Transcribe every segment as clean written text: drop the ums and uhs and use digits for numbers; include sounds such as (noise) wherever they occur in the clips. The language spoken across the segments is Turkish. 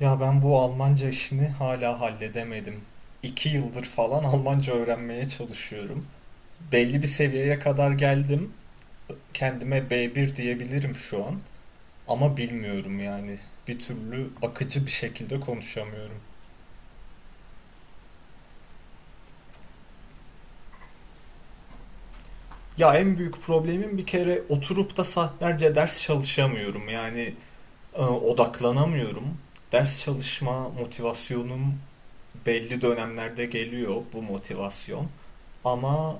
Ya ben bu Almanca işini hala halledemedim. 2 yıldır falan Almanca öğrenmeye çalışıyorum. Belli bir seviyeye kadar geldim. Kendime B1 diyebilirim şu an. Ama bilmiyorum yani. Bir türlü akıcı bir şekilde konuşamıyorum. Ya en büyük problemim bir kere oturup da saatlerce ders çalışamıyorum. Odaklanamıyorum. Ders çalışma motivasyonum belli dönemlerde geliyor bu motivasyon. Ama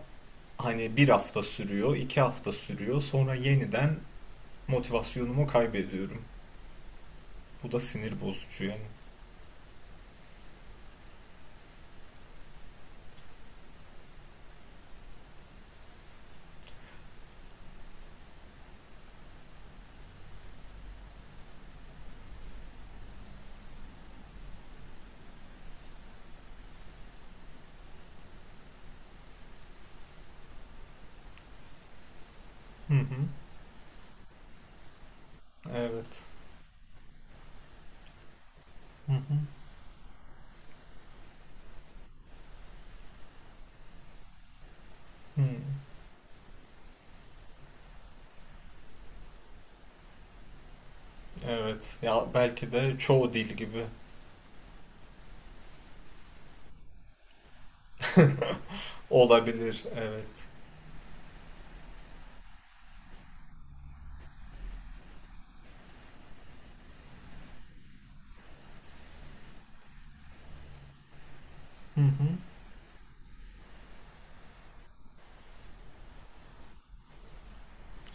Hani 1 hafta sürüyor, 2 hafta sürüyor. Sonra yeniden motivasyonumu kaybediyorum. Bu da sinir bozucu yani. Hı hı. Evet. Hı hı. Hı. Evet. Ya belki de çoğu dil gibi olabilir. Evet. Hı hı.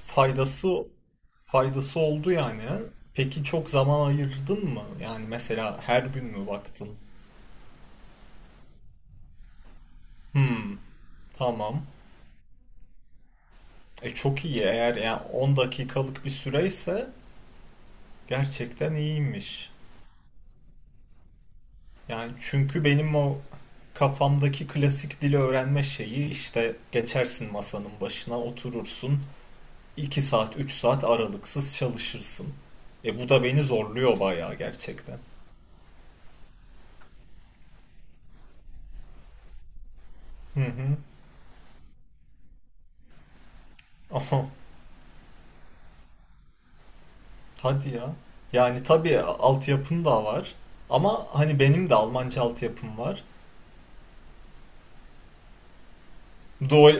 Faydası faydası oldu yani, ha? Peki çok zaman ayırdın mı? Yani mesela her gün mü baktın? Hmm, tamam. E çok iyi, eğer yani 10 dakikalık bir süreyse gerçekten iyiymiş. Yani çünkü benim o kafamdaki klasik dili öğrenme şeyi, işte geçersin masanın başına oturursun 2 saat 3 saat aralıksız çalışırsın. E bu da beni zorluyor bayağı gerçekten. Hı hı. Aha, hadi ya. Yani tabii altyapın da var, ama hani benim de Almanca altyapım var. Duol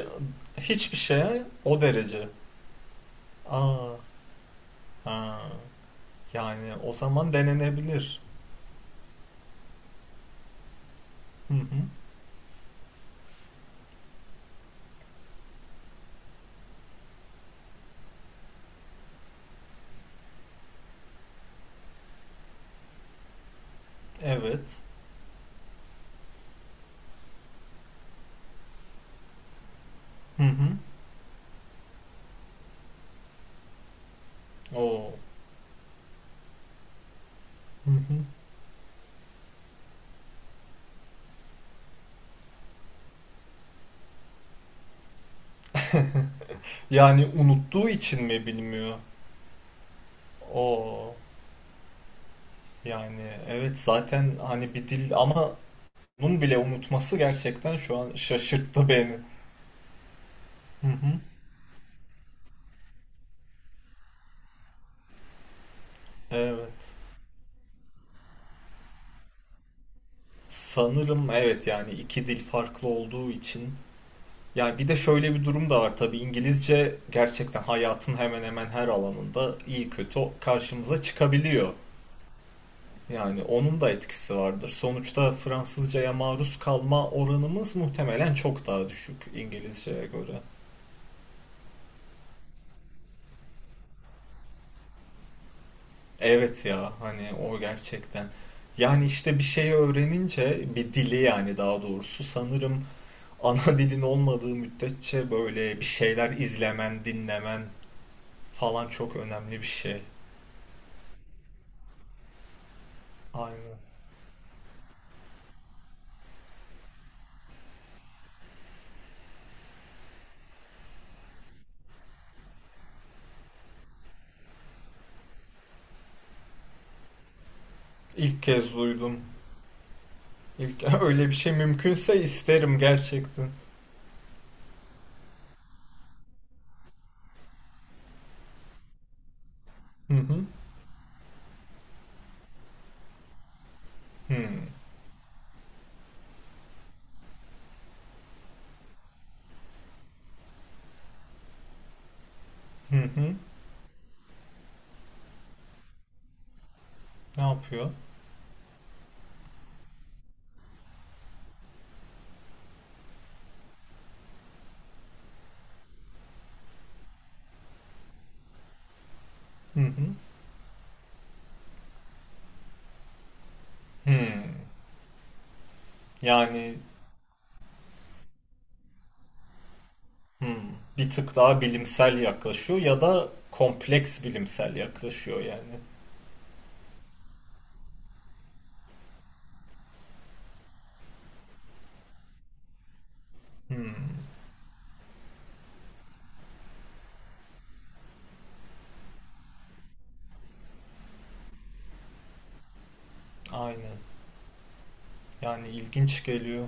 Hiçbir şeye o derece. Aa, ha. Yani o zaman denenebilir. Hı hı. Evet. Hı hı. Oo. Hı hı. Yani unuttuğu için mi bilmiyor? Oo. Yani evet zaten hani bir dil, ama bunun bile unutması gerçekten şu an şaşırttı beni. Hı hı. Evet. Sanırım evet yani iki dil farklı olduğu için. Yani bir de şöyle bir durum da var tabii, İngilizce gerçekten hayatın hemen hemen her alanında iyi kötü karşımıza çıkabiliyor. Yani onun da etkisi vardır. Sonuçta Fransızcaya maruz kalma oranımız muhtemelen çok daha düşük İngilizceye göre. Evet ya hani o gerçekten. Yani işte bir şey öğrenince bir dili, yani daha doğrusu sanırım ana dilin olmadığı müddetçe böyle bir şeyler izlemen, dinlemen falan çok önemli bir şey. Aynen. İlk kez duydum. İlk (laughs) öyle bir şey mümkünse isterim gerçekten. Hı hı. Hı hı. Hı. Ne yapıyor? Hı hı. Hmm. Yani hmm, bir tık daha bilimsel yaklaşıyor ya da kompleks bilimsel yaklaşıyor yani. Hmm. Aynen. Yani ilginç geliyor.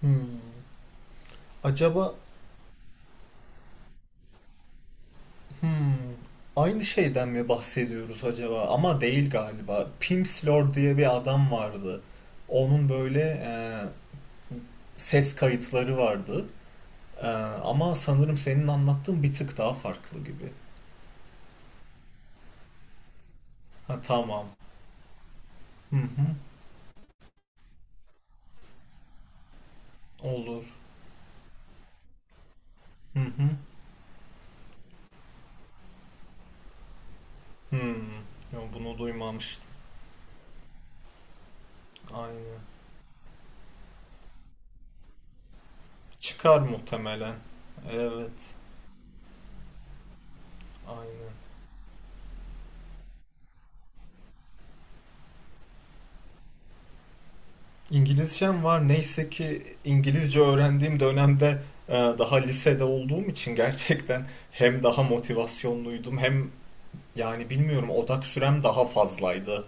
Hmm. Acaba hmm. Aynı şeyden mi bahsediyoruz acaba? Ama değil galiba. Pimsleur diye bir adam vardı. Onun böyle ses kayıtları vardı. E, ama sanırım senin anlattığın bir tık daha farklı gibi. Ha, tamam. Hı hı. Olur. Hı hı. Hmm, yo, bunu duymamıştım. Aynen. Çıkar muhtemelen. Evet, aynen. İngilizcem var. Neyse ki İngilizce öğrendiğim dönemde daha lisede olduğum için gerçekten hem daha motivasyonluydum, hem yani bilmiyorum odak sürem daha fazlaydı.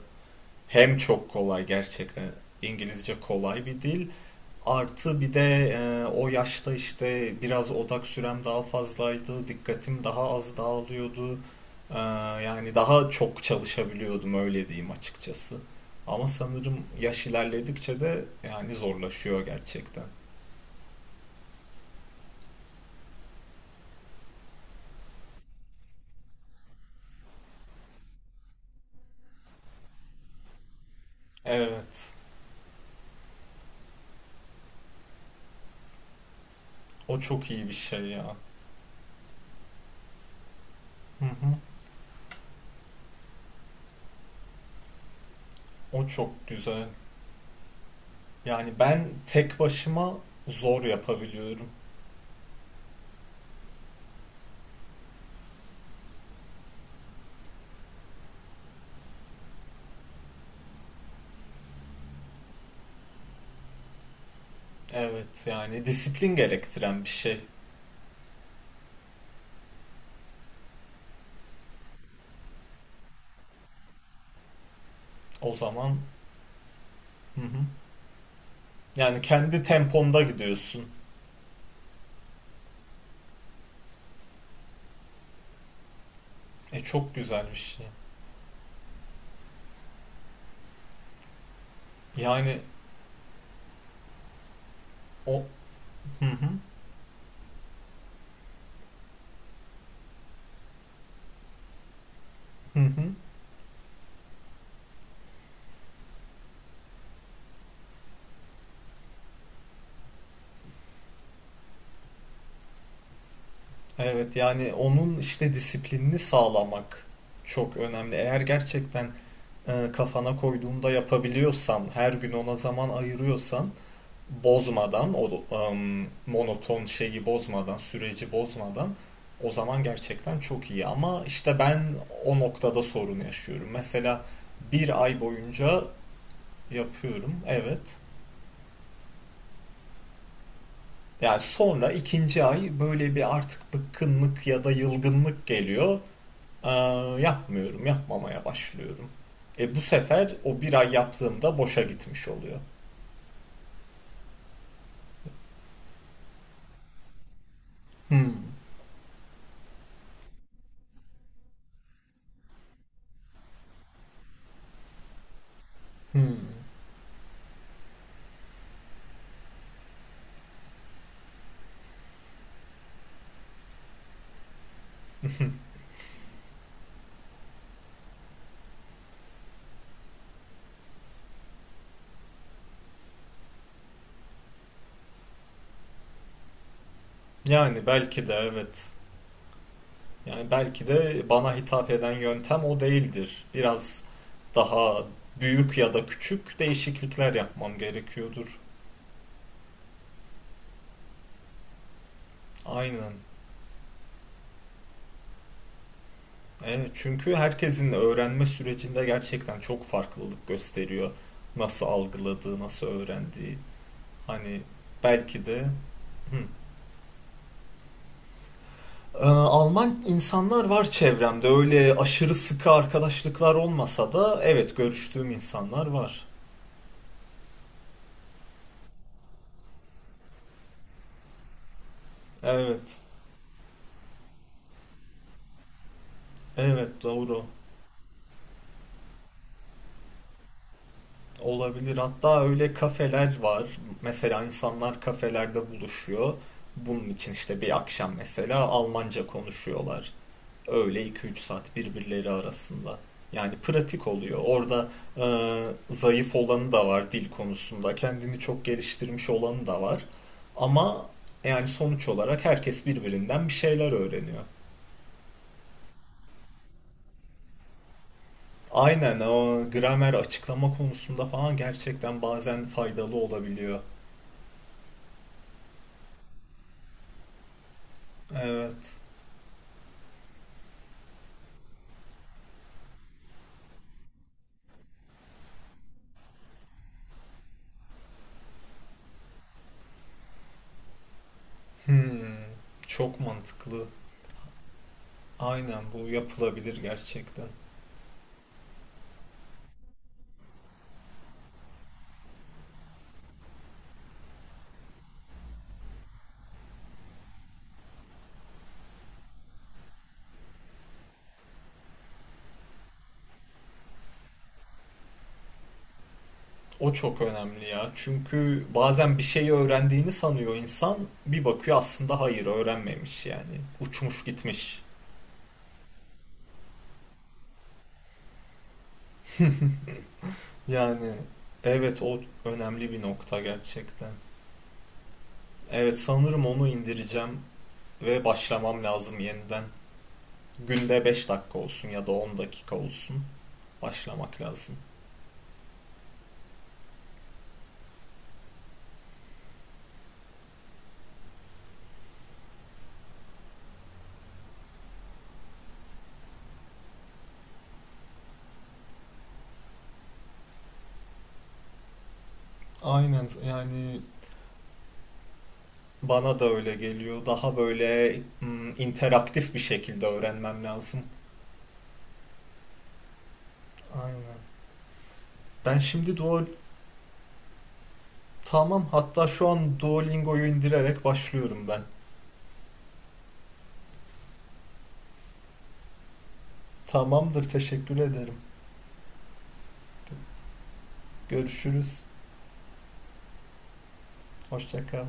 Hem çok kolay gerçekten. İngilizce kolay bir dil. Artı bir de o yaşta işte biraz odak sürem daha fazlaydı, dikkatim daha az dağılıyordu. E, Yani daha çok çalışabiliyordum öyle diyeyim açıkçası. Ama sanırım yaş ilerledikçe de yani zorlaşıyor gerçekten. Evet, o çok iyi bir şey ya. Hı hı. O çok güzel. Yani ben tek başıma zor yapabiliyorum. Evet, yani disiplin gerektiren bir şey. O zaman. Hı hı. Yani kendi temponda gidiyorsun. E çok güzel bir şey. Yani o hı hı hı hı. Evet yani onun işte disiplinini sağlamak çok önemli. Eğer gerçekten kafana koyduğunda yapabiliyorsan, her gün ona zaman ayırıyorsan, bozmadan o em, monoton şeyi bozmadan, süreci bozmadan o zaman gerçekten çok iyi. Ama işte ben o noktada sorun yaşıyorum. Mesela bir ay boyunca yapıyorum. Evet. Yani sonra ikinci ay böyle bir artık bıkkınlık ya da yılgınlık geliyor. Ee, Yapmıyorum, yapmamaya başlıyorum. E bu sefer o bir ay yaptığımda boşa gitmiş oluyor. Hmm, hmm. Yani belki de evet. Yani belki de bana hitap eden yöntem o değildir. Biraz daha büyük ya da küçük değişiklikler yapmam gerekiyordur. Aynen. Evet, çünkü herkesin öğrenme sürecinde gerçekten çok farklılık gösteriyor. Nasıl algıladığı, nasıl öğrendiği. Hani belki de Hı. Alman insanlar var çevremde. Öyle aşırı sıkı arkadaşlıklar olmasa da evet görüştüğüm insanlar var. Evet. Evet doğru. Olabilir. Hatta öyle kafeler var. Mesela insanlar kafelerde buluşuyor. Bunun için işte bir akşam mesela Almanca konuşuyorlar. Öyle 2 3 saat birbirleri arasında. Yani pratik oluyor. Orada e, zayıf olanı da var dil konusunda. Kendini çok geliştirmiş olanı da var. Ama yani sonuç olarak herkes birbirinden bir şeyler öğreniyor. Aynen, o gramer açıklama konusunda falan gerçekten bazen faydalı olabiliyor. Evet. Hmm, çok mantıklı. Aynen bu yapılabilir gerçekten. O çok önemli ya. Çünkü bazen bir şeyi öğrendiğini sanıyor insan. Bir bakıyor aslında hayır öğrenmemiş yani. Uçmuş gitmiş. Yani evet o önemli bir nokta gerçekten. Evet sanırım onu indireceğim ve başlamam lazım yeniden. Günde 5 dakika olsun ya da 10 dakika olsun. Başlamak lazım. Aynen yani bana da öyle geliyor. Daha böyle mm, interaktif bir şekilde öğrenmem lazım. Aynen. Ben şimdi Duolingo Tamam, hatta şu an Duolingo'yu indirerek başlıyorum ben. Tamamdır, teşekkür ederim. Görüşürüz. Hoşça kal.